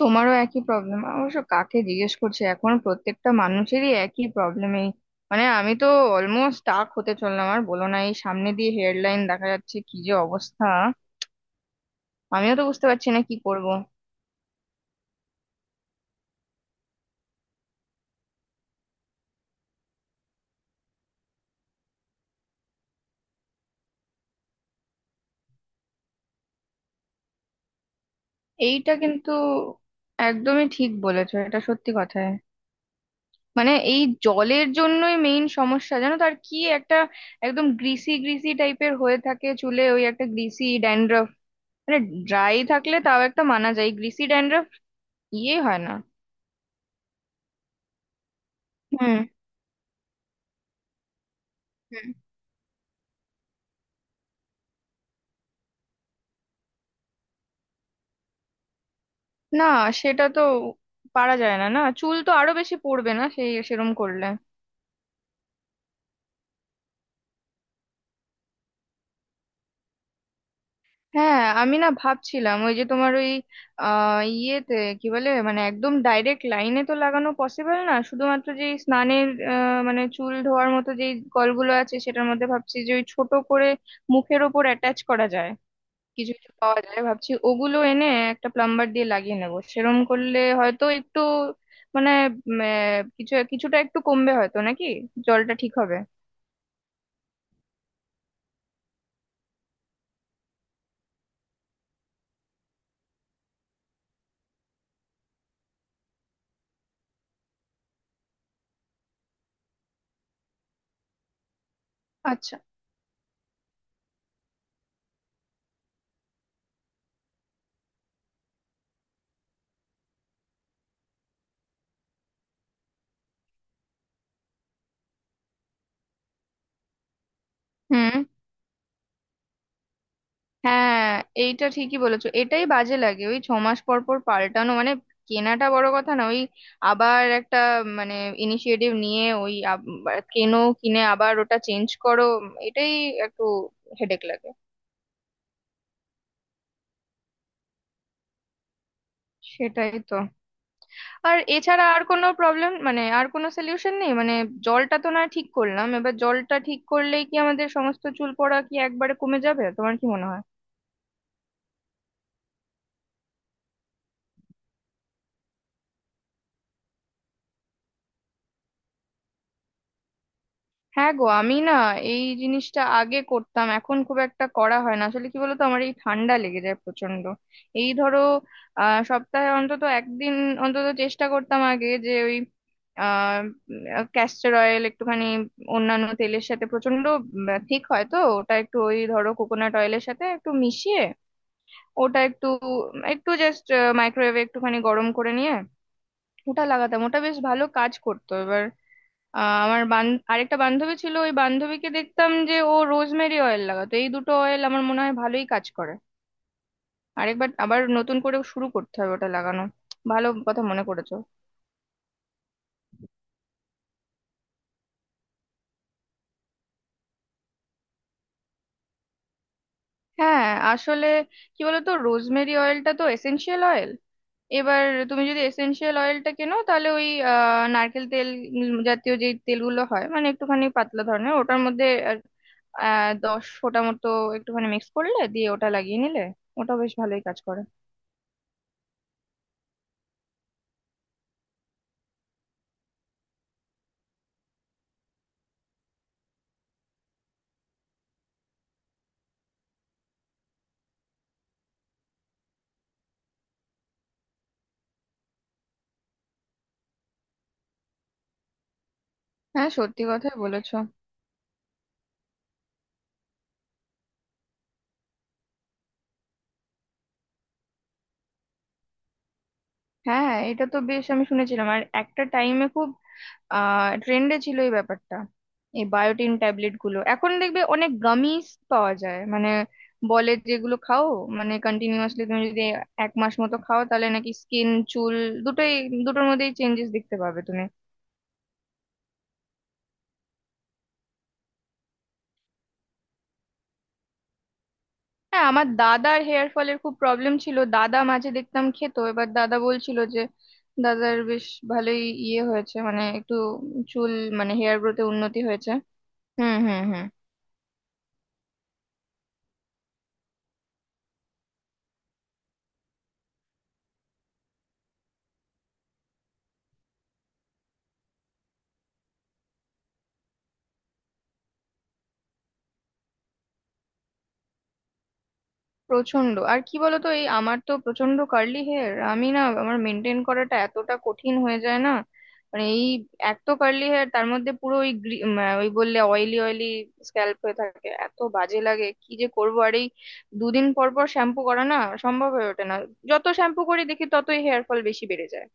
তোমারও একই প্রবলেম। অবশ্য কাকে জিজ্ঞেস করছে, এখন প্রত্যেকটা মানুষেরই একই প্রবলেমই। মানে আমি তো অলমোস্ট স্টাক হতে চললাম। আর বলো না, এই সামনে দিয়ে হেডলাইন দেখা যাচ্ছে, কি যে অবস্থা। আমিও তো বুঝতে পারছি না কি করব। এইটা কিন্তু একদমই ঠিক বলেছো, এটা সত্যি কথায়। মানে এই জলের জন্যই মেইন সমস্যা, জানো তো, আর কি। একটা একদম গ্রিসি গ্রিসি টাইপের হয়ে থাকে চুলে, ওই একটা গ্রিসি ড্যান্ড্রফ। মানে ড্রাই থাকলে তাও একটা মানা যায়, গ্রিসি ড্যান্ড্রফ ইয়ে হয় না। হুম। হুম। না, সেটা তো পারা যায় না, না চুল তো আরো বেশি পড়বে না সেই সেরম করলে। হ্যাঁ, আমি না ভাবছিলাম ওই যে তোমার ওই ইয়েতে কি বলে, মানে একদম ডাইরেক্ট লাইনে তো লাগানো পসিবল না, শুধুমাত্র যে স্নানের মানে চুল ধোয়ার মতো যেই কলগুলো আছে সেটার মধ্যে ভাবছি যে ওই ছোট করে মুখের ওপর অ্যাটাচ করা যায়। কিছু কিছু পাওয়া যায়, ভাবছি ওগুলো এনে একটা প্লাম্বার দিয়ে লাগিয়ে নেবো, সেরম করলে হয়তো একটু মানে কিছু কিছুটা একটু কমবে হয়তো, নাকি জলটা ঠিক হবে। আচ্ছা। হুম। হ্যাঁ, এইটা ঠিকই বলেছো, এটাই বাজে লাগে, ওই 6 মাস পর পর পাল্টানো। মানে কেনাটা বড় কথা না, ওই আবার একটা মানে ইনিশিয়েটিভ নিয়ে ওই কেনো, কিনে আবার ওটা চেঞ্জ করো, এটাই একটু হেডেক লাগে। সেটাই তো। আর এছাড়া আর কোনো প্রবলেম, মানে আর কোনো সলিউশন নেই? মানে জলটা তো না ঠিক করলাম, এবার জলটা ঠিক করলেই কি আমাদের সমস্ত চুল পড়া কি একবারে কমে যাবে, তোমার কি মনে হয়? হ্যাঁ গো, আমি না এই জিনিসটা আগে করতাম, এখন খুব একটা করা হয় না। আসলে কি বলতো, আমার এই ঠান্ডা লেগে যায় প্রচন্ড। এই ধরো সপ্তাহে অন্তত একদিন অন্তত চেষ্টা করতাম আগে, যে ওই আহ ক্যাস্টর অয়েল একটুখানি অন্যান্য তেলের সাথে প্রচন্ড ঠিক হয় তো, ওটা একটু ওই ধরো কোকোনাট অয়েলের সাথে একটু মিশিয়ে, ওটা একটু একটু জাস্ট মাইক্রোওয়েভে একটুখানি গরম করে নিয়ে ওটা লাগাতাম, ওটা বেশ ভালো কাজ করতো। এবার আহ আমার বান আরেকটা বান্ধবী ছিল, ওই বান্ধবীকে দেখতাম যে ও রোজমেরি অয়েল লাগাতো, এই দুটো অয়েল আমার মনে হয় ভালোই কাজ করে। আরেকবার আবার নতুন করে শুরু করতে হবে ওটা লাগানো, ভালো কথা মনে করেছো। হ্যাঁ, আসলে কি বলতো, রোজমেরি অয়েলটা তো এসেনশিয়াল অয়েল। এবার তুমি যদি এসেনশিয়াল অয়েলটা কেনো, তাহলে ওই নারকেল তেল জাতীয় যে তেলগুলো হয়, মানে একটুখানি পাতলা ধরনের, ওটার মধ্যে আর, 10 ফোঁটা মতো একটুখানি মিক্স করলে দিয়ে ওটা লাগিয়ে নিলে ওটা বেশ ভালোই কাজ করে। হ্যাঁ, সত্যি কথাই বলেছো। হ্যাঁ, এটা তো বেশ, আমি শুনেছিলাম আর একটা টাইমে খুব ট্রেন্ডে ছিল এই ব্যাপারটা, এই বায়োটিন ট্যাবলেট গুলো। এখন দেখবে অনেক গামিজ পাওয়া যায়, মানে বলে যেগুলো খাও, মানে কন্টিনিউয়াসলি তুমি যদি এক মাস মতো খাও তাহলে নাকি স্কিন চুল দুটোই, দুটোর মধ্যেই চেঞ্জেস দেখতে পাবে তুমি। হ্যাঁ, আমার দাদার হেয়ার ফলের খুব প্রবলেম ছিল, দাদা মাঝে দেখতাম খেত, এবার দাদা বলছিল যে দাদার বেশ ভালোই ইয়ে হয়েছে, মানে একটু চুল, মানে হেয়ার গ্রোথে উন্নতি হয়েছে। হুম, হুম, হুম। প্রচন্ড। আর কি বলতো, এই আমার তো প্রচন্ড কার্লি হেয়ার, আমি না আমার মেনটেন করাটা এতটা কঠিন হয়ে যায় না। মানে এই এক তো কার্লি হেয়ার, তার মধ্যে পুরো ওই ওই বললে অয়েলি অয়েলি স্ক্যাল্প হয়ে থাকে, এত বাজে লাগে, কি যে করবো। আর এই দুদিন পর পর শ্যাম্পু করা না সম্ভব হয়ে ওঠে না, যত শ্যাম্পু করি দেখি ততই হেয়ার ফল বেশি বেড়ে যায়।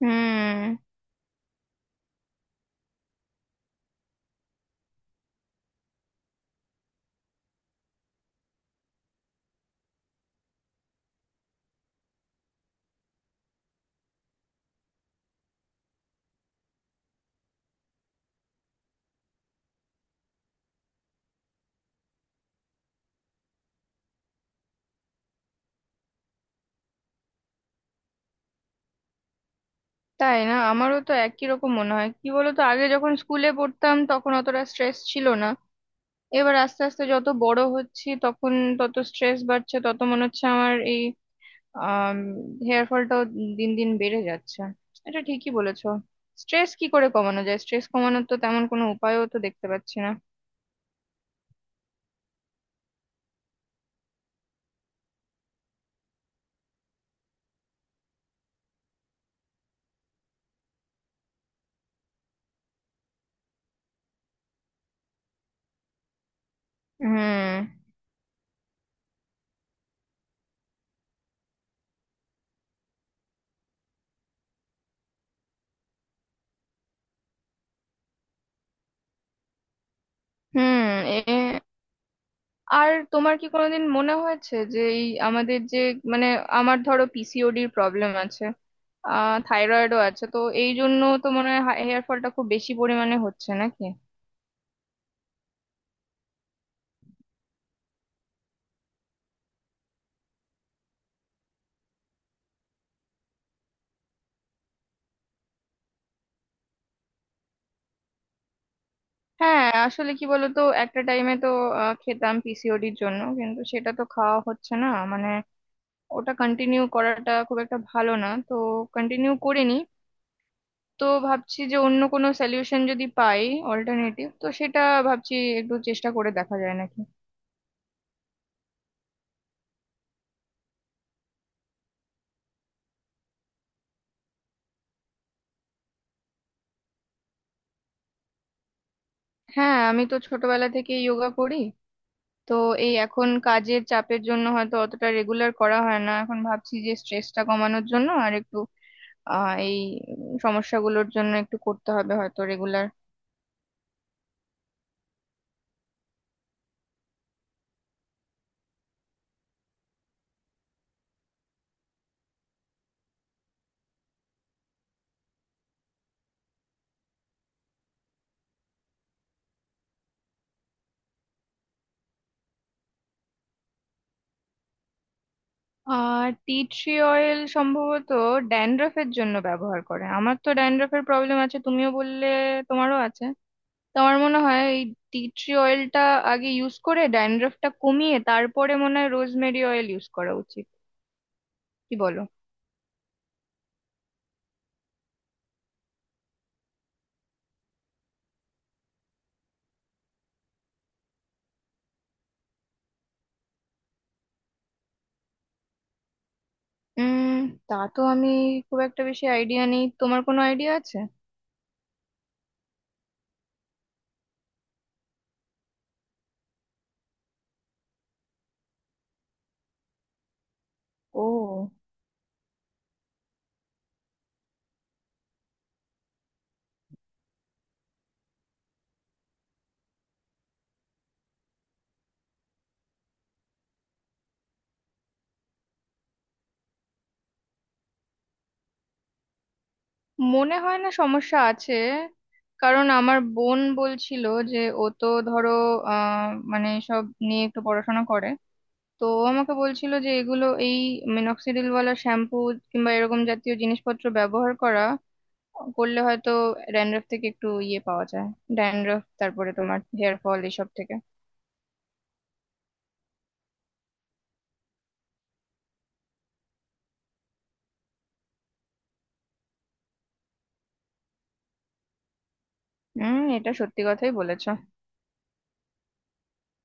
হুম। তাই না? আমারও তো একই রকম মনে হয়। কি বলতো, আগে যখন স্কুলে পড়তাম তখন অতটা স্ট্রেস ছিল না, এবার আস্তে আস্তে যত বড় হচ্ছি তখন তত স্ট্রেস বাড়ছে, তত মনে হচ্ছে আমার এই আহ হেয়ার ফলটাও দিন দিন বেড়ে যাচ্ছে। এটা ঠিকই বলেছো। স্ট্রেস কি করে কমানো যায়? স্ট্রেস কমানোর তো তেমন কোনো উপায়ও তো দেখতে পাচ্ছি না। হুম। হুম। এ, আর তোমার কি কোনোদিন মনে হয়েছে যে এই আমাদের যে, মানে আমার ধরো পিসিওডির প্রবলেম আছে, থাইরয়েডও আছে, তো এই জন্য তো মনে হয় হেয়ার ফলটা খুব বেশি পরিমাণে হচ্ছে নাকি? হ্যাঁ, আসলে কি বলতো, একটা টাইমে তো খেতাম পিসিওডির জন্য, কিন্তু সেটা তো খাওয়া হচ্ছে না, মানে ওটা কন্টিনিউ করাটা খুব একটা ভালো না, তো কন্টিনিউ করিনি। তো ভাবছি যে অন্য কোনো সলিউশন যদি পাই, অল্টারনেটিভ তো সেটা ভাবছি, একটু চেষ্টা করে দেখা যায় নাকি। হ্যাঁ, আমি তো ছোটবেলা থেকে যোগা করি। তো এই এখন কাজের চাপের জন্য হয়তো অতটা রেগুলার করা হয় না, এখন ভাবছি যে স্ট্রেসটা কমানোর জন্য আর একটু এই সমস্যাগুলোর জন্য একটু করতে হবে হয়তো রেগুলার। টি ট্রি অয়েল সম্ভবত ড্যান্ড্রফের জন্য ব্যবহার করে। আমার তো ড্যান্ড্রফের প্রবলেম আছে, তুমিও বললে তোমারও আছে। তো আমার মনে হয় এই টি ট্রি অয়েলটা আগে ইউজ করে ড্যান্ড্রফটা কমিয়ে তারপরে মনে হয় রোজমেরি অয়েল ইউজ করা উচিত, কি বলো? উম, তা তো আমি খুব একটা বেশি আইডিয়া নেই, তোমার কোনো আইডিয়া আছে? ও, মনে হয় না সমস্যা আছে। কারণ আমার বোন বলছিল যে ও তো ধরো আহ মানে সব নিয়ে একটু পড়াশোনা করে, তো ও আমাকে বলছিল যে এগুলো এই মেনক্সিডিল ওয়ালা শ্যাম্পু কিংবা এরকম জাতীয় জিনিসপত্র ব্যবহার করা করলে হয়তো ড্যান্ড্রফ থেকে একটু ইয়ে পাওয়া যায়, ড্যান্ড্রফ তারপরে তোমার হেয়ার ফল এসব থেকে। হুম, এটা সত্যি কথাই বলেছো।